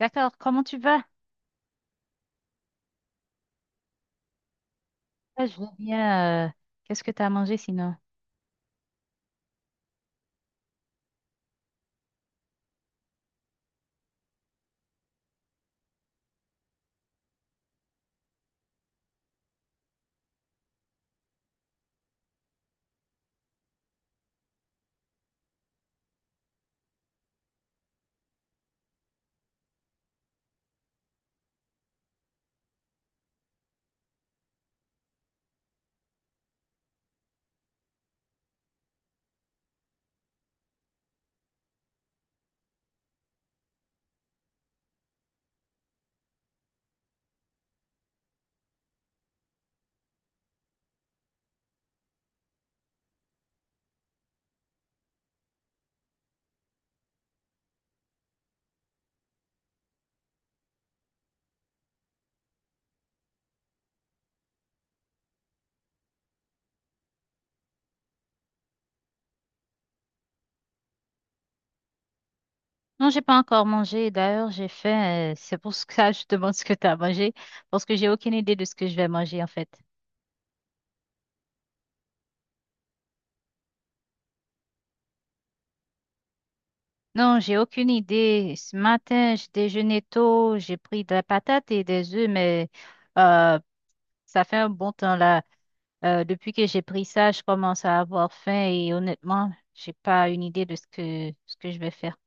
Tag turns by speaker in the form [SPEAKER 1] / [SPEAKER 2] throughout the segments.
[SPEAKER 1] D'accord, comment tu vas? Ah, je vais bien. Qu'est-ce que tu as mangé sinon? Non, j'ai pas encore mangé. D'ailleurs, j'ai faim. C'est pour ça que je te demande ce que tu as mangé, parce que j'ai aucune idée de ce que je vais manger en fait. Non, j'ai aucune idée. Ce matin, j'ai déjeuné tôt, j'ai pris de la patate et des œufs, mais euh, ça fait un bon temps là. Depuis que j'ai pris ça, je commence à avoir faim et honnêtement, j'ai pas une idée de ce que je vais faire.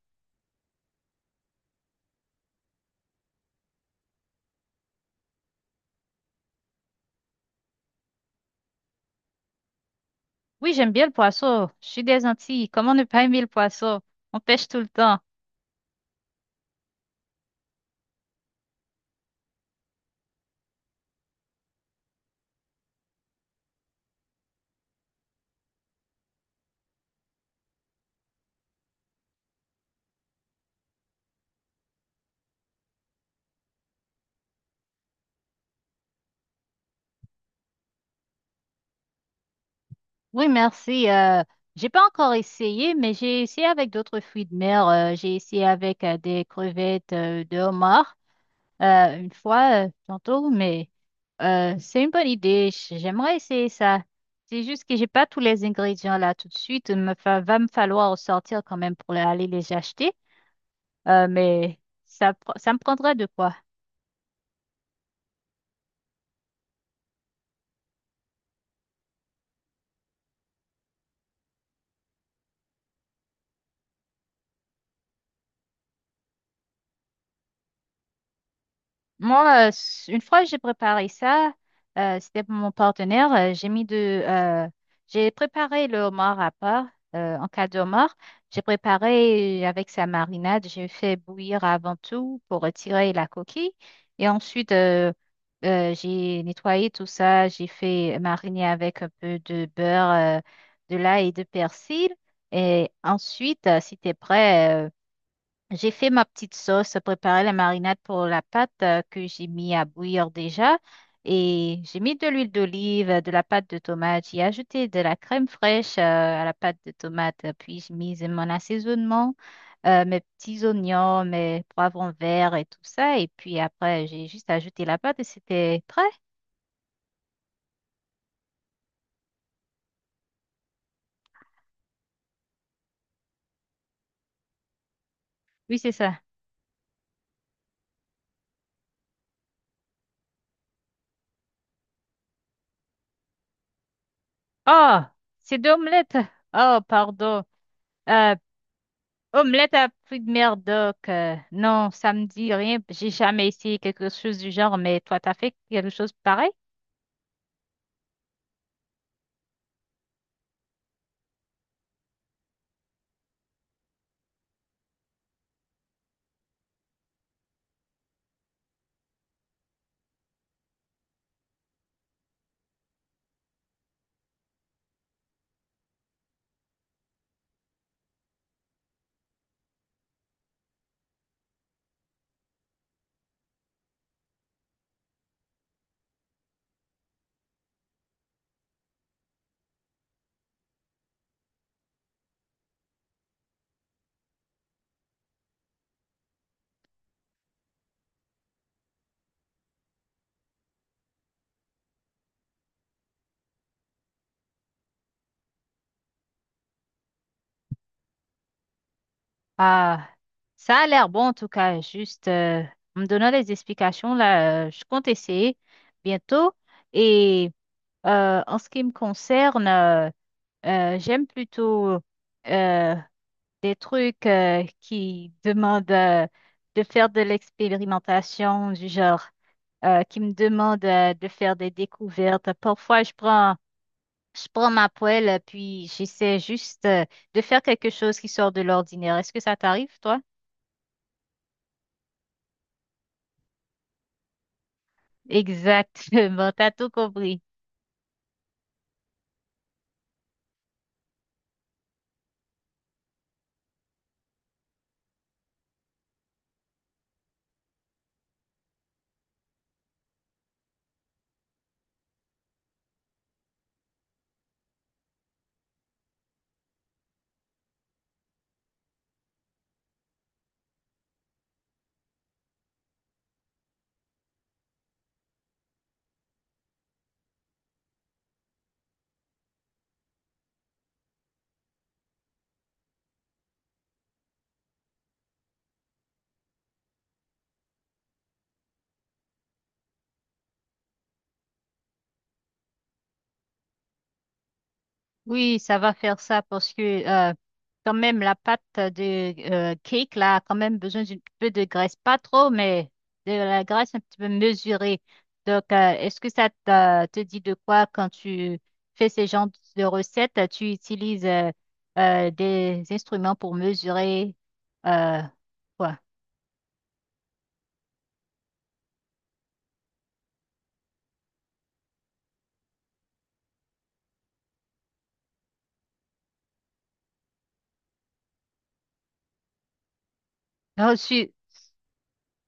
[SPEAKER 1] Oui, j'aime bien le poisson. Je suis des Antilles. Comment ne pas aimer le poisson? On pêche tout le temps. Oui, merci. J'ai pas encore essayé, mais j'ai essayé avec d'autres fruits de mer. J'ai essayé avec des crevettes de homard une fois, tantôt, mais c'est une bonne idée. J'aimerais essayer ça. C'est juste que j'ai pas tous les ingrédients là tout de suite. Il me va me falloir sortir quand même pour aller les acheter. Mais ça, ça me prendrait de quoi? Moi, une fois j'ai préparé ça, c'était pour mon partenaire. J'ai mis j'ai préparé le homard à part. En cas de homard, j'ai préparé avec sa marinade. J'ai fait bouillir avant tout pour retirer la coquille. Et ensuite, j'ai nettoyé tout ça. J'ai fait mariner avec un peu de beurre, euh, de l'ail et de persil. Et ensuite, si t'es prêt, j'ai fait ma petite sauce, préparé la marinade pour la pâte que j'ai mis à bouillir déjà. Et j'ai mis de l'huile d'olive, de la pâte de tomate. J'ai ajouté de la crème fraîche à la pâte de tomate. Puis j'ai mis mon assaisonnement, mes petits oignons, mes poivrons verts et tout ça. Et puis après, j'ai juste ajouté la pâte et c'était prêt. Oui, c'est ça. Oh, c'est deux omelettes. Oh, pardon. Euh, Omelette à fruits de mer, donc, non, ça me dit rien. J'ai jamais essayé quelque chose du genre, mais toi, t'as fait quelque chose pareil? Ah, ça a l'air bon en tout cas. Juste en me donnant des explications là, je compte essayer bientôt. Et en ce qui me concerne, j'aime plutôt euh, des trucs qui demandent de faire de l'expérimentation du genre, qui me demandent de faire des découvertes. Parfois, je prends ma poêle, puis j'essaie juste de faire quelque chose qui sort de l'ordinaire. Est-ce que ça t'arrive, toi? Exactement, t'as tout compris. Oui, ça va faire ça parce que euh, quand même la pâte de cake là a quand même besoin d'un peu de graisse, pas trop, mais de la graisse un petit peu mesurée. Donc, est-ce que ça te dit de quoi quand tu fais ces genres de recettes, tu utilises des instruments pour mesurer euh, quoi?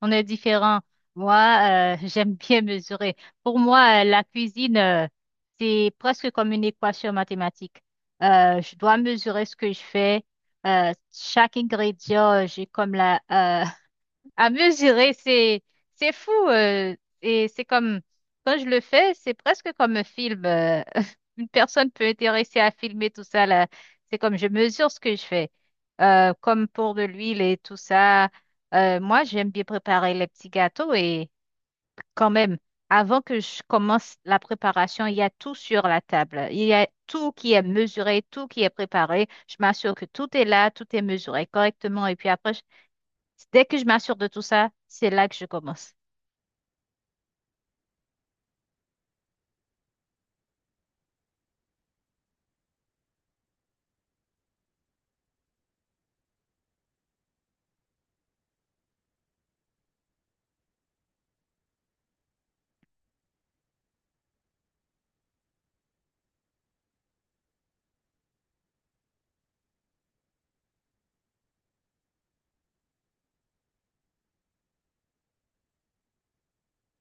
[SPEAKER 1] On est différents. Moi, j'aime bien mesurer. Pour moi, la cuisine, c'est presque comme une équation mathématique. Je dois mesurer ce que je fais. Chaque ingrédient, j'ai comme la, à mesurer. C'est fou. Et c'est comme, quand je le fais, c'est presque comme un film. Euh, une personne peut intéresser à filmer tout ça là. C'est comme je mesure ce que je fais. Comme pour de l'huile et tout ça. Moi, j'aime bien préparer les petits gâteaux et quand même, avant que je commence la préparation, il y a tout sur la table. Il y a tout qui est mesuré, tout qui est préparé. Je m'assure que tout est là, tout est mesuré correctement. Et puis après, dès que je m'assure de tout ça, c'est là que je commence.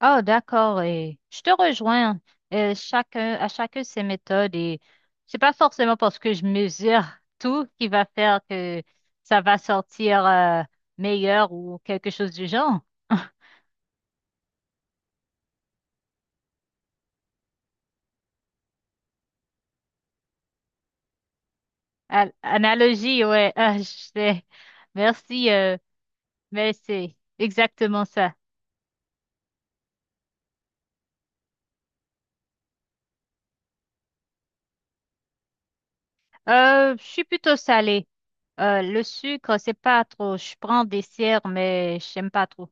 [SPEAKER 1] Oh, d'accord. Et je te rejoins. Chacun, à chacun ses méthodes et c'est pas forcément parce que je mesure tout qui va faire que ça va sortir meilleur ou quelque chose du genre. Analogie, ouais, ah, je sais. Merci, mais c'est exactement ça. Je suis plutôt salée. Le sucre, c'est pas trop. Je prends des dessert, mais j'aime pas trop.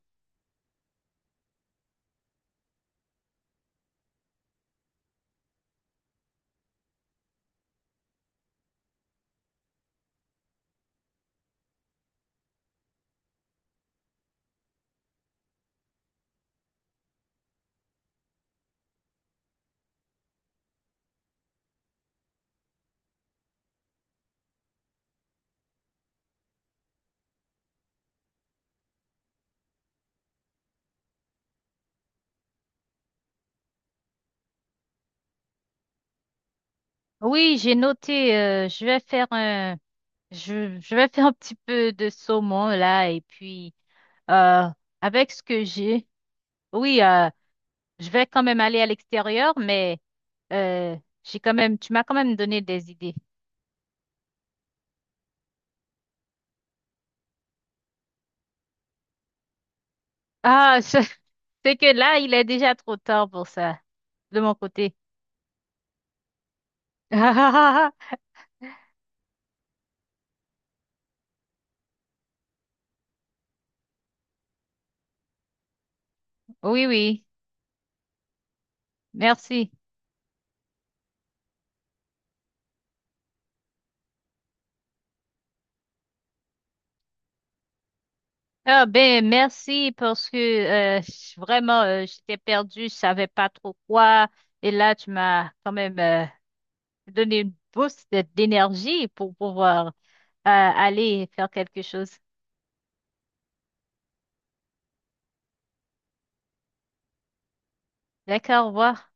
[SPEAKER 1] Oui, j'ai noté. Je vais je vais faire un petit peu de saumon là et puis euh, avec ce que j'ai, oui, je vais quand même aller à l'extérieur, mais euh, j'ai quand même, tu m'as quand même donné des idées. Ah, je- c'est que là, il est déjà trop tard pour ça de mon côté. Oui, oui, merci. Ah ben merci parce que je- vraiment j'étais perdue, je savais pas trop quoi et là tu m'as quand même donner une boost d'énergie pour pouvoir aller faire quelque chose. D'accord, au revoir.